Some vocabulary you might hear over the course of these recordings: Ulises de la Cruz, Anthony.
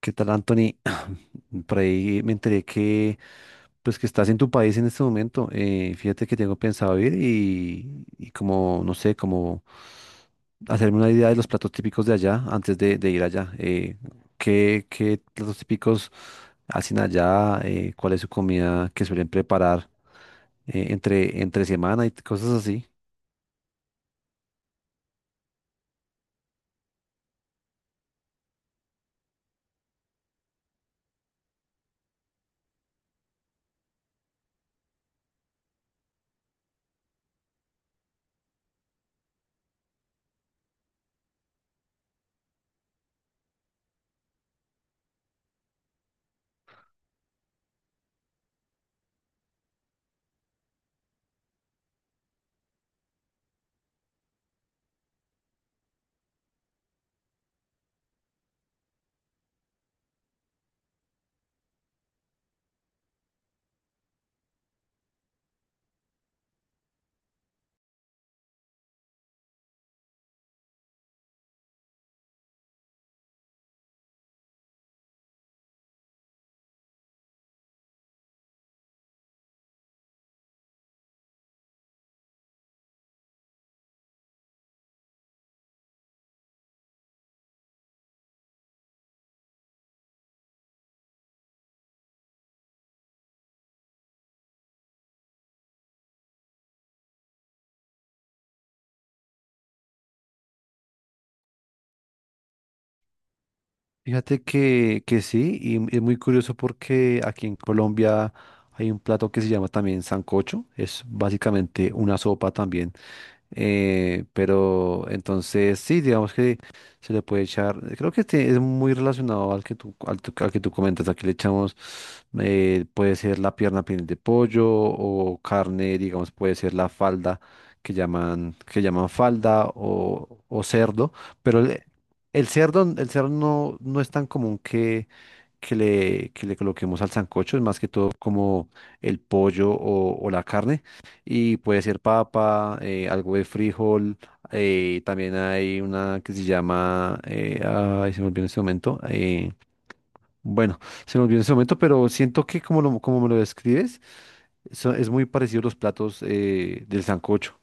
¿Qué tal, Anthony? Por ahí me enteré que, pues, que estás en tu país en este momento. Fíjate que tengo pensado ir y como, no sé, como hacerme una idea de los platos típicos de allá antes de ir allá. ¿Qué platos típicos hacen allá? ¿Cuál es su comida que suelen preparar entre semana y cosas así? Fíjate que sí, y es muy curioso porque aquí en Colombia hay un plato que se llama también sancocho, es básicamente una sopa también pero entonces sí, digamos que se le puede echar, creo que este es muy relacionado al que tú, al que tú comentas, aquí le echamos, puede ser la pierna piel de pollo o carne, digamos, puede ser la falda que llaman falda o cerdo, pero el cerdo no, no es tan común que, que le coloquemos al sancocho, es más que todo como el pollo o la carne y puede ser papa, algo de frijol. Eh, también hay una que se llama, ay, se me olvidó en este momento. Bueno, Se me olvidó en este momento, pero siento que como, como me lo describes, es muy parecido a los platos del sancocho.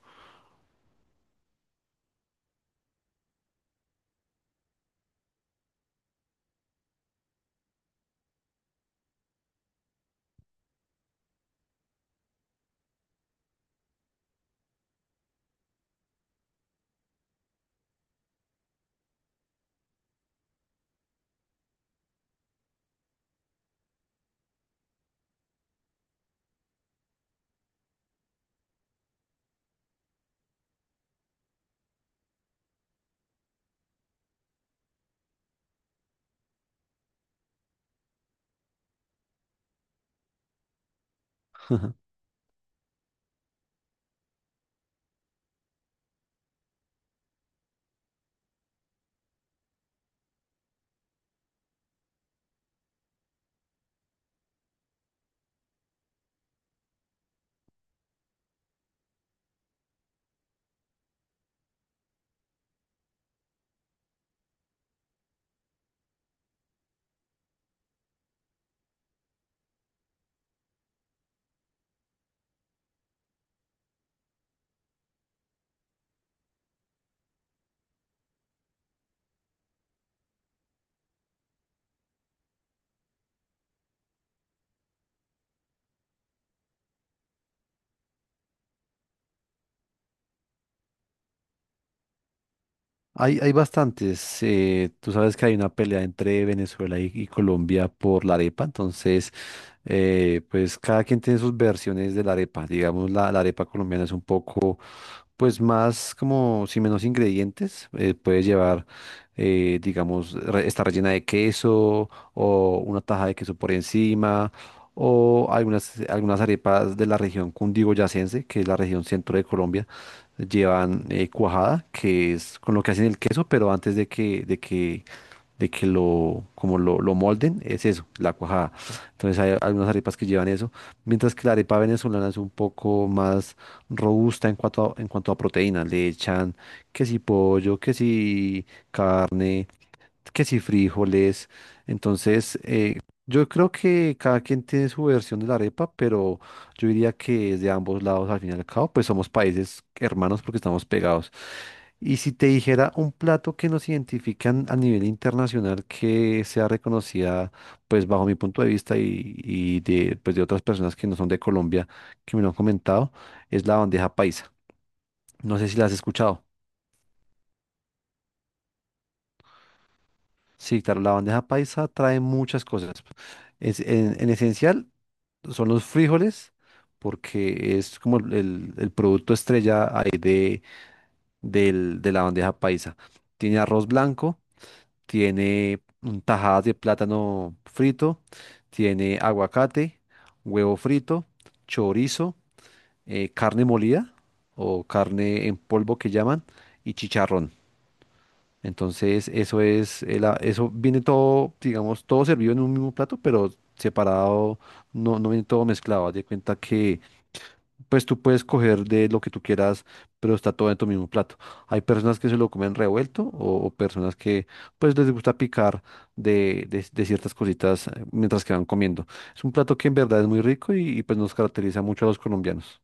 Hay bastantes. Tú sabes que hay una pelea entre Venezuela y Colombia por la arepa. Entonces, pues cada quien tiene sus versiones de la arepa. Digamos, la arepa colombiana es un poco, pues más como, si menos ingredientes, puede llevar, digamos, está rellena de queso o una taja de queso por encima. O algunas, algunas arepas de la región cundiboyacense, que es la región centro de Colombia llevan cuajada, que es con lo que hacen el queso, pero antes de que lo, como lo molden, es eso, la cuajada. Entonces hay algunas arepas que llevan eso, mientras que la arepa venezolana es un poco más robusta en cuanto a proteínas. Le echan que si pollo, que si carne, que si frijoles. Entonces, yo creo que cada quien tiene su versión de la arepa, pero yo diría que es de ambos lados al fin y al cabo, pues somos países hermanos porque estamos pegados. Y si te dijera un plato que nos identifican a nivel internacional que sea reconocida, pues bajo mi punto de vista y de, pues de otras personas que no son de Colombia que me lo han comentado, es la bandeja paisa. No sé si la has escuchado. Sí, claro, la bandeja paisa trae muchas cosas. Es, en esencial, son los frijoles, porque es como el producto estrella ahí de, de la bandeja paisa. Tiene arroz blanco, tiene tajadas de plátano frito, tiene aguacate, huevo frito, chorizo, carne molida o carne en polvo que llaman, y chicharrón. Entonces, eso es, eso viene todo, digamos, todo servido en un mismo plato, pero separado, no, no viene todo mezclado. Haz de cuenta que pues tú puedes coger de lo que tú quieras, pero está todo en tu mismo plato. Hay personas que se lo comen revuelto o personas que pues les gusta picar de, de ciertas cositas mientras que van comiendo. Es un plato que en verdad es muy rico y, pues nos caracteriza mucho a los colombianos.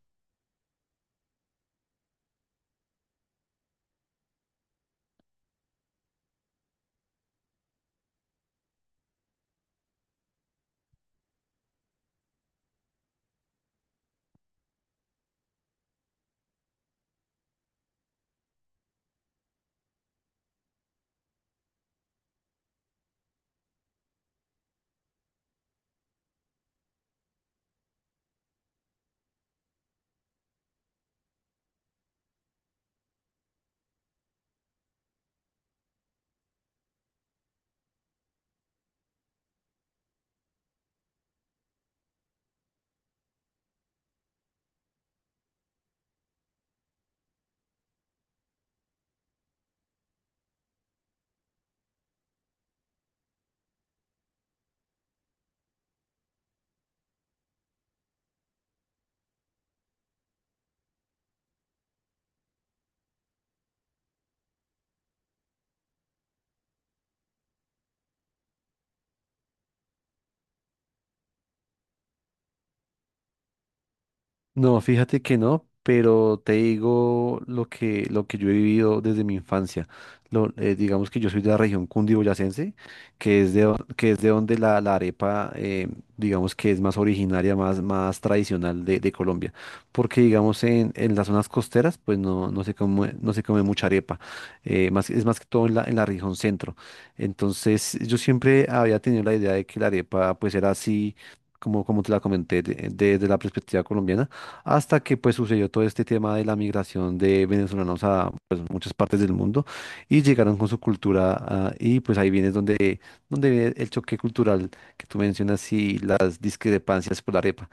No, fíjate que no, pero te digo lo que yo he vivido desde mi infancia. Digamos que yo soy de la región cundiboyacense, que es de, que es de donde la arepa, digamos que es más originaria, más, más tradicional de Colombia. Porque digamos en las zonas costeras, pues no, no se come, no se come mucha arepa. Eh, más, es más que todo en la región centro. Entonces yo siempre había tenido la idea de que la arepa pues era así, como, como te la comenté, desde la perspectiva colombiana hasta que pues sucedió todo este tema de la migración de venezolanos a pues, muchas partes del mundo y llegaron con su cultura ah, y pues ahí viene donde, donde viene el choque cultural que tú mencionas y las discrepancias por la arepa.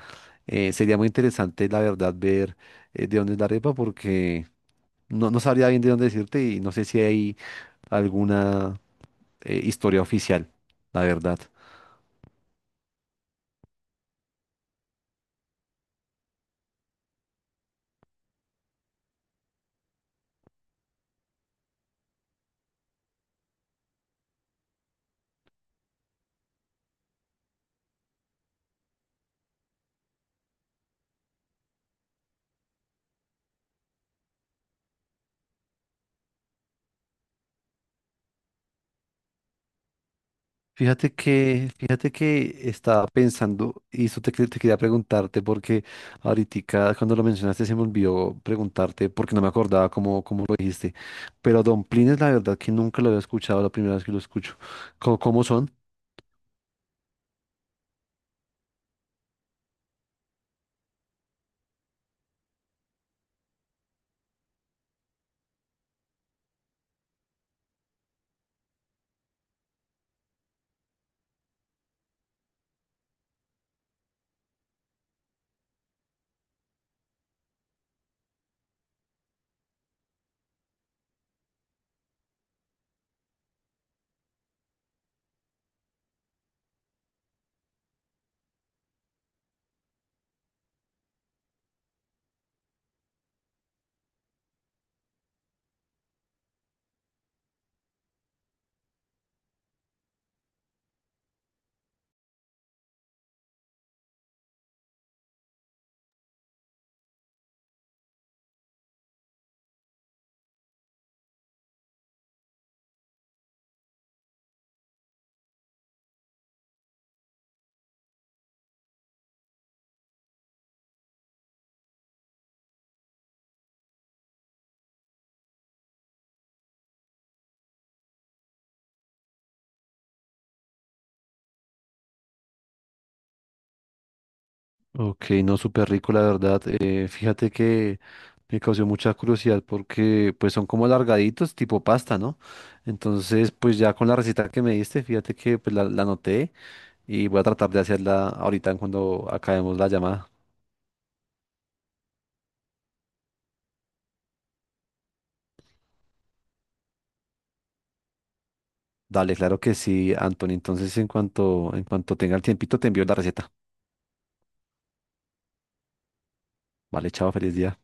Sería muy interesante la verdad ver de dónde es la arepa porque no, no sabría bien de dónde decirte y no sé si hay alguna historia oficial, la verdad. Fíjate que estaba pensando, y eso te, te quería preguntarte, porque ahorita cuando lo mencionaste se me olvidó preguntarte, porque no me acordaba cómo, cómo lo dijiste. Pero Don Plines, la verdad que nunca lo había escuchado, la primera vez que lo escucho. ¿Cómo, cómo son? Ok, no, súper rico, la verdad. Fíjate que me causó mucha curiosidad porque pues son como alargaditos, tipo pasta, ¿no? Entonces, pues ya con la receta que me diste, fíjate que pues la anoté. Y voy a tratar de hacerla ahorita en cuando acabemos la llamada. Dale, claro que sí, Anthony. Entonces, en cuanto tenga el tiempito, te envío la receta. Vale, chao, feliz día.